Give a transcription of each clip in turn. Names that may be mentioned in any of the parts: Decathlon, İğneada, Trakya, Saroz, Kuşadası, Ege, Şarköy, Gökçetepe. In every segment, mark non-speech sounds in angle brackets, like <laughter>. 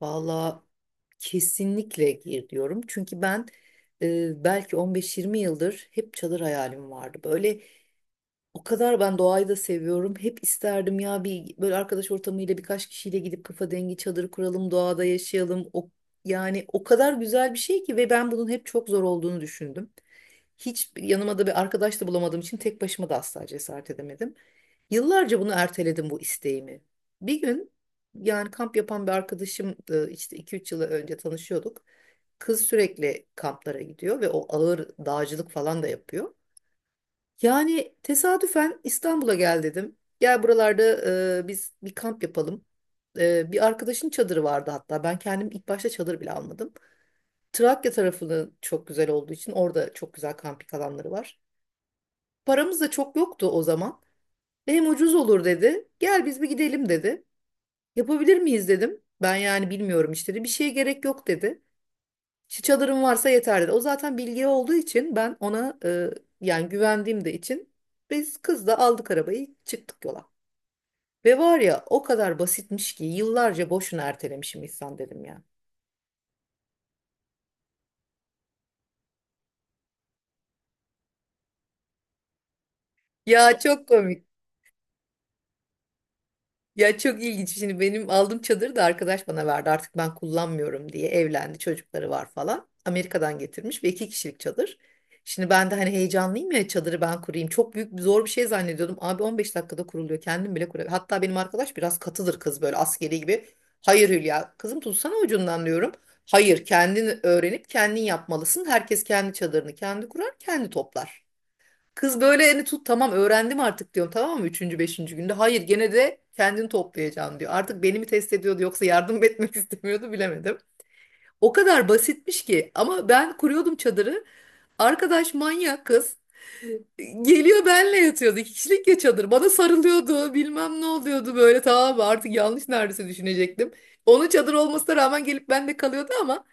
Valla kesinlikle gir diyorum. Çünkü ben belki 15-20 yıldır hep çadır hayalim vardı. Böyle o kadar ben doğayı da seviyorum. Hep isterdim ya bir böyle arkadaş ortamıyla birkaç kişiyle gidip kafa dengi çadır kuralım, doğada yaşayalım. O, yani o kadar güzel bir şey ki ve ben bunun hep çok zor olduğunu düşündüm. Hiç yanıma da bir arkadaş da bulamadığım için tek başıma da asla cesaret edemedim. Yıllarca bunu erteledim bu isteğimi. Bir gün yani kamp yapan bir arkadaşım işte iki üç yıl önce tanışıyorduk. Kız sürekli kamplara gidiyor ve o ağır dağcılık falan da yapıyor. Yani tesadüfen İstanbul'a gel dedim. Gel buralarda biz bir kamp yapalım. Bir arkadaşın çadırı vardı hatta. Ben kendim ilk başta çadır bile almadım. Trakya tarafını çok güzel olduğu için orada çok güzel kamping alanları var. Paramız da çok yoktu o zaman. Ve hem ucuz olur dedi. Gel biz bir gidelim dedi. Yapabilir miyiz dedim. Ben yani bilmiyorum işte dedi. Bir şeye gerek yok dedi. İşte çadırın varsa yeter dedi. O zaten bilgi olduğu için ben ona yani güvendiğim de için biz kızla aldık arabayı çıktık yola. Ve var ya o kadar basitmiş ki yıllarca boşuna ertelemişim İhsan dedim ya. Ya çok komik. Ya çok ilginç. Şimdi benim aldığım çadırı da arkadaş bana verdi. Artık ben kullanmıyorum diye evlendi. Çocukları var falan. Amerika'dan getirmiş ve iki kişilik çadır. Şimdi ben de hani heyecanlıyım ya çadırı ben kurayım. Çok büyük zor bir şey zannediyordum. Abi 15 dakikada kuruluyor. Kendim bile kuruyorum. Hatta benim arkadaş biraz katıdır kız böyle askeri gibi. Hayır Hülya kızım tutsana ucundan diyorum. Hayır kendin öğrenip kendin yapmalısın. Herkes kendi çadırını kendi kurar kendi toplar. Kız böyle elini tut tamam öğrendim artık diyorum tamam mı? Üçüncü, beşinci günde. Hayır gene de kendini toplayacaksın diyor. Artık beni mi test ediyordu yoksa yardım etmek <laughs> istemiyordu bilemedim. O kadar basitmiş ki ama ben kuruyordum çadırı. Arkadaş manyak kız. Geliyor benle yatıyordu. İki kişilik ya çadır. Bana sarılıyordu. Bilmem ne oluyordu böyle tamam mı? Artık yanlış neredeyse düşünecektim. Onun çadır olmasına rağmen gelip benle kalıyordu ama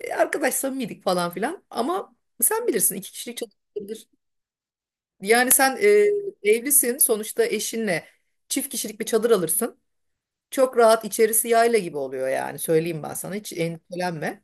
arkadaş samimiydik falan filan. Ama sen bilirsin iki kişilik çadır yani sen evlisin sonuçta eşinle çift kişilik bir çadır alırsın. Çok rahat içerisi yayla gibi oluyor yani söyleyeyim ben sana hiç endişelenme.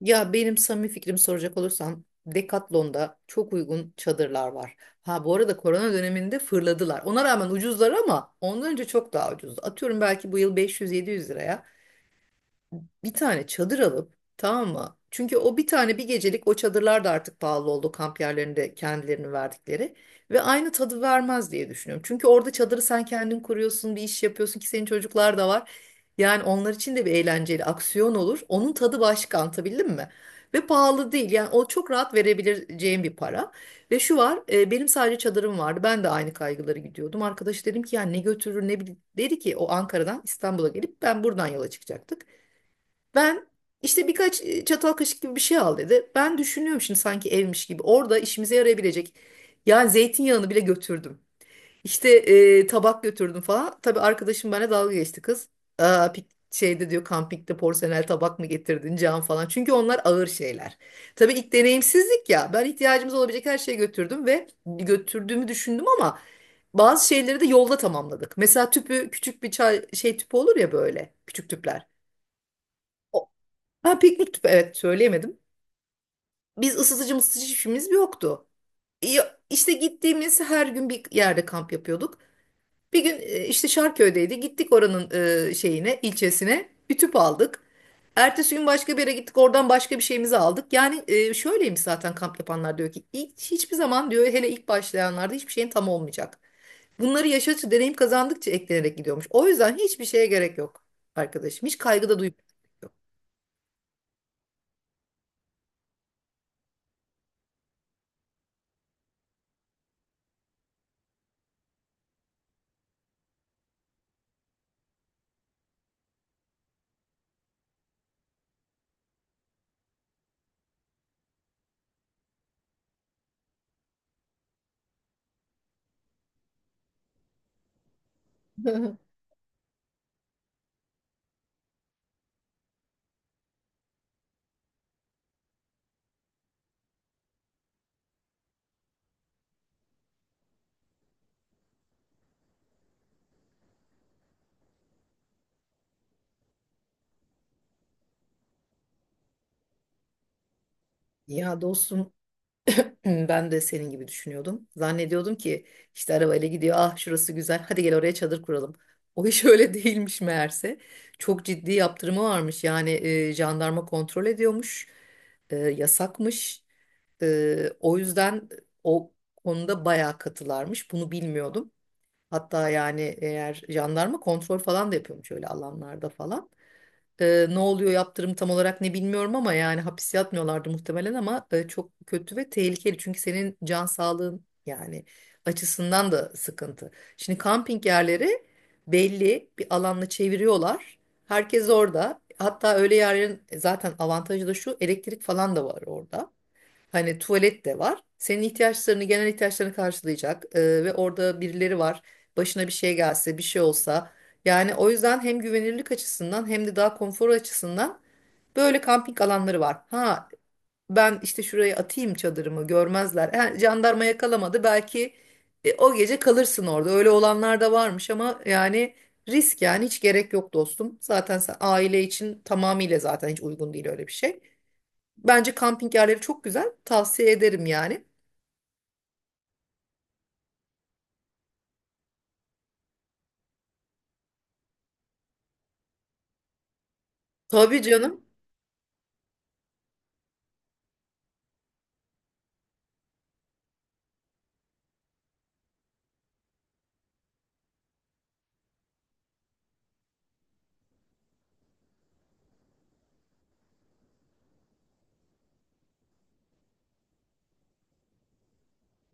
Ya benim samimi fikrimi soracak olursan Decathlon'da çok uygun çadırlar var. Ha bu arada korona döneminde fırladılar. Ona rağmen ucuzlar ama ondan önce çok daha ucuzdu. Atıyorum belki bu yıl 500-700 liraya bir tane çadır alıp tamam mı? Çünkü o bir tane bir gecelik o çadırlar da artık pahalı oldu kamp yerlerinde kendilerini verdikleri ve aynı tadı vermez diye düşünüyorum. Çünkü orada çadırı sen kendin kuruyorsun, bir iş yapıyorsun ki senin çocuklar da var. Yani onlar için de bir eğlenceli aksiyon olur. Onun tadı başka anlatabildim mi? Ve pahalı değil. Yani o çok rahat verebileceğim bir para. Ve şu var, benim sadece çadırım vardı. Ben de aynı kaygıları gidiyordum. Arkadaş dedim ki ya ne götürür ne bilir. Dedi ki o Ankara'dan İstanbul'a gelip ben buradan yola çıkacaktık. Ben işte birkaç çatal kaşık gibi bir şey al dedi. Ben düşünüyorum şimdi sanki evmiş gibi. Orada işimize yarayabilecek. Yani zeytinyağını bile götürdüm. İşte tabak götürdüm falan. Tabii arkadaşım benimle dalga geçti kız. Aa, şeyde diyor kampikte porselen tabak mı getirdin cam falan. Çünkü onlar ağır şeyler. Tabii ilk deneyimsizlik ya. Ben ihtiyacımız olabilecek her şeyi götürdüm ve götürdüğümü düşündüm ama bazı şeyleri de yolda tamamladık. Mesela tüpü küçük bir çay şey tüpü olur ya böyle küçük tüpler. Ha piknik tüpü evet söyleyemedim. Biz ısıtıcı mısıtıcı hiçbirimiz yoktu. İşte gittiğimiz her gün bir yerde kamp yapıyorduk. Bir gün işte Şarköy'deydi. Gittik oranın şeyine, ilçesine. Bir tüp aldık. Ertesi gün başka bir yere gittik. Oradan başka bir şeyimizi aldık. Yani şöyleymiş zaten kamp yapanlar diyor ki hiçbir zaman diyor hele ilk başlayanlarda hiçbir şeyin tam olmayacak. Bunları yaşadıkça, deneyim kazandıkça eklenerek gidiyormuş. O yüzden hiçbir şeye gerek yok arkadaşım. Hiç kaygı da duymuyor. <laughs> Ya dostum. Ben de senin gibi düşünüyordum. Zannediyordum ki işte arabayla gidiyor. Ah şurası güzel. Hadi gel oraya çadır kuralım. O iş <laughs> öyle değilmiş meğerse. Çok ciddi yaptırımı varmış. Yani jandarma kontrol ediyormuş. Yasakmış. O yüzden o konuda bayağı katılarmış. Bunu bilmiyordum. Hatta yani eğer jandarma kontrol falan da yapıyormuş öyle alanlarda falan. Ne oluyor yaptırım tam olarak ne bilmiyorum ama yani hapis yatmıyorlardı muhtemelen ama çok kötü ve tehlikeli. Çünkü senin can sağlığın yani açısından da sıkıntı. Şimdi kamping yerleri belli bir alanla çeviriyorlar. Herkes orada. Hatta öyle yerlerin zaten avantajı da şu elektrik falan da var orada. Hani tuvalet de var. Senin ihtiyaçlarını, genel ihtiyaçlarını karşılayacak ve orada birileri var. Başına bir şey gelse, bir şey olsa. Yani o yüzden hem güvenirlik açısından hem de daha konfor açısından böyle kamping alanları var. Ha ben işte şuraya atayım çadırımı görmezler. Ha, jandarma yakalamadı belki o gece kalırsın orada. Öyle olanlar da varmış ama yani risk yani hiç gerek yok dostum. Zaten sen aile için tamamıyla zaten hiç uygun değil öyle bir şey. Bence kamping yerleri çok güzel. Tavsiye ederim yani. Tabii canım.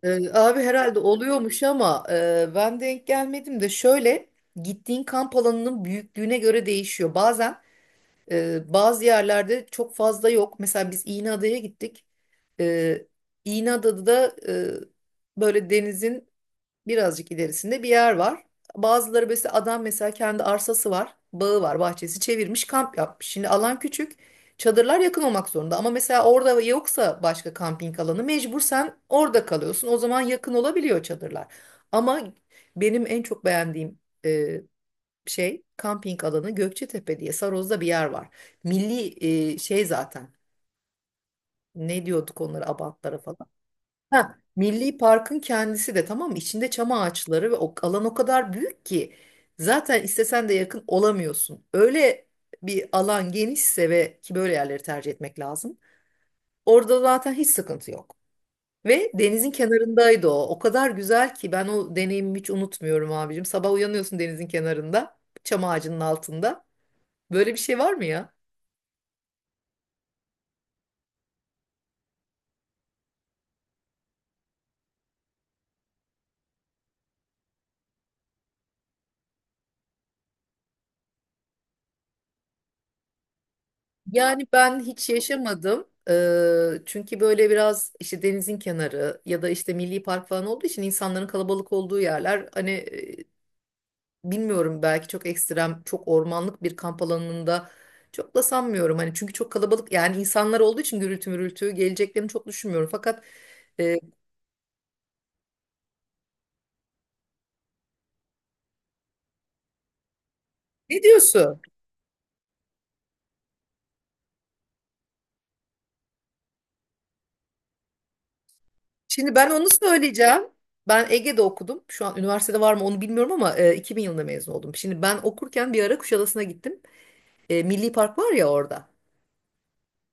Abi herhalde oluyormuş ama ben denk gelmedim de şöyle gittiğin kamp alanının büyüklüğüne göre değişiyor. Bazen bazı yerlerde çok fazla yok. Mesela biz İğneada'ya gittik. Ee, İğneada'da da böyle denizin birazcık ilerisinde bir yer var. Bazıları mesela adam mesela kendi arsası var, bağı var, bahçesi çevirmiş, kamp yapmış. Şimdi alan küçük, çadırlar yakın olmak zorunda. Ama mesela orada yoksa başka kamping alanı mecbur sen orada kalıyorsun. O zaman yakın olabiliyor çadırlar. Ama benim en çok beğendiğim e, şey kamping alanı Gökçetepe diye Saroz'da bir yer var. Milli şey zaten. Ne diyorduk onlara abantlara falan. Ha, Milli Park'ın kendisi de tamam mı? İçinde çam ağaçları ve o alan o kadar büyük ki zaten istesen de yakın olamıyorsun. Öyle bir alan genişse ve ki böyle yerleri tercih etmek lazım. Orada zaten hiç sıkıntı yok. Ve denizin kenarındaydı o. O kadar güzel ki ben o deneyimimi hiç unutmuyorum abicim. Sabah uyanıyorsun denizin kenarında, çam ağacının altında. Böyle bir şey var mı ya? Yani ben hiç yaşamadım. Çünkü böyle biraz işte denizin kenarı ya da işte milli park falan olduğu için insanların kalabalık olduğu yerler hani bilmiyorum belki çok ekstrem, çok ormanlık bir kamp alanında çok da sanmıyorum. Hani çünkü çok kalabalık yani insanlar olduğu için gürültü mürültü geleceklerini çok düşünmüyorum. Fakat e, ne diyorsun? Şimdi ben onu söyleyeceğim. Ben Ege'de okudum. Şu an üniversitede var mı onu bilmiyorum ama 2000 yılında mezun oldum. Şimdi ben okurken bir ara Kuşadası'na gittim. E, milli park var ya orada.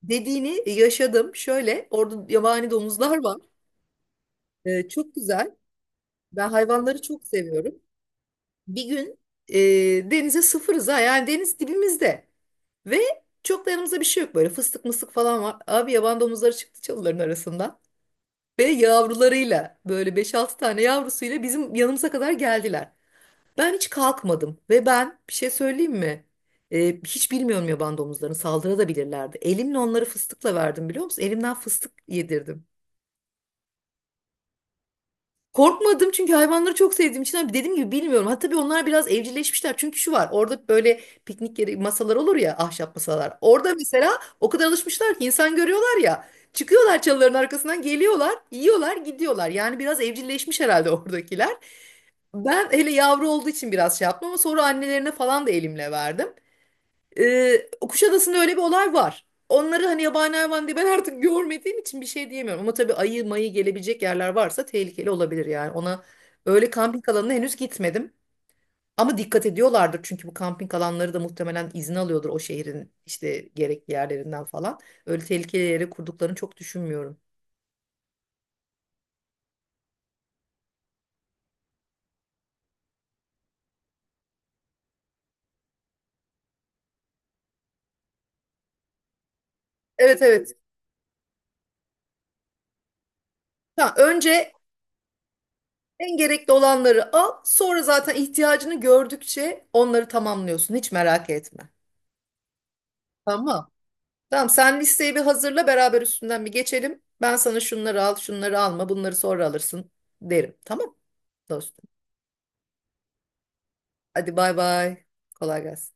Dediğini yaşadım. Şöyle orada yabani domuzlar var. Çok güzel. Ben hayvanları çok seviyorum. Bir gün denize sıfırız ha. Yani deniz dibimizde. Ve çok da yanımızda bir şey yok. Böyle fıstık mıstık falan var. Abi yaban domuzları çıktı çalıların arasından. Ve yavrularıyla böyle beş altı tane yavrusuyla bizim yanımıza kadar geldiler. Ben hiç kalkmadım. Ve ben bir şey söyleyeyim mi? Hiç bilmiyorum yaban domuzlarını saldırabilirlerdi. Elimle onları fıstıkla verdim biliyor musun? Elimden fıstık yedirdim. Korkmadım çünkü hayvanları çok sevdiğim için abi dediğim gibi bilmiyorum. Ha tabii onlar biraz evcilleşmişler. Çünkü şu var orada böyle piknik yeri masalar olur ya ahşap masalar. Orada mesela o kadar alışmışlar ki insan görüyorlar ya. Çıkıyorlar çalıların arkasından geliyorlar, yiyorlar, gidiyorlar. Yani biraz evcilleşmiş herhalde <laughs> oradakiler. Ben hele yavru olduğu için biraz şey yaptım ama sonra annelerine falan da elimle verdim. Kuşadası'nda öyle bir olay var. Onları hani yabani hayvan diye ben artık görmediğim için bir şey diyemiyorum. Ama tabii ayı mayı gelebilecek yerler varsa tehlikeli olabilir yani. Ona öyle kamping alanına henüz gitmedim. Ama dikkat ediyorlardır çünkü bu kamping alanları da muhtemelen izin alıyordur o şehrin işte gerekli yerlerinden falan. Öyle tehlikeli yere kurduklarını çok düşünmüyorum. Evet evet. Ha, önce en gerekli olanları al, sonra zaten ihtiyacını gördükçe onları tamamlıyorsun. Hiç merak etme. Tamam. Tamam sen listeyi bir hazırla beraber üstünden bir geçelim. Ben sana şunları al, şunları alma, bunları sonra alırsın derim. Tamam dostum. Hadi bay bay. Kolay gelsin.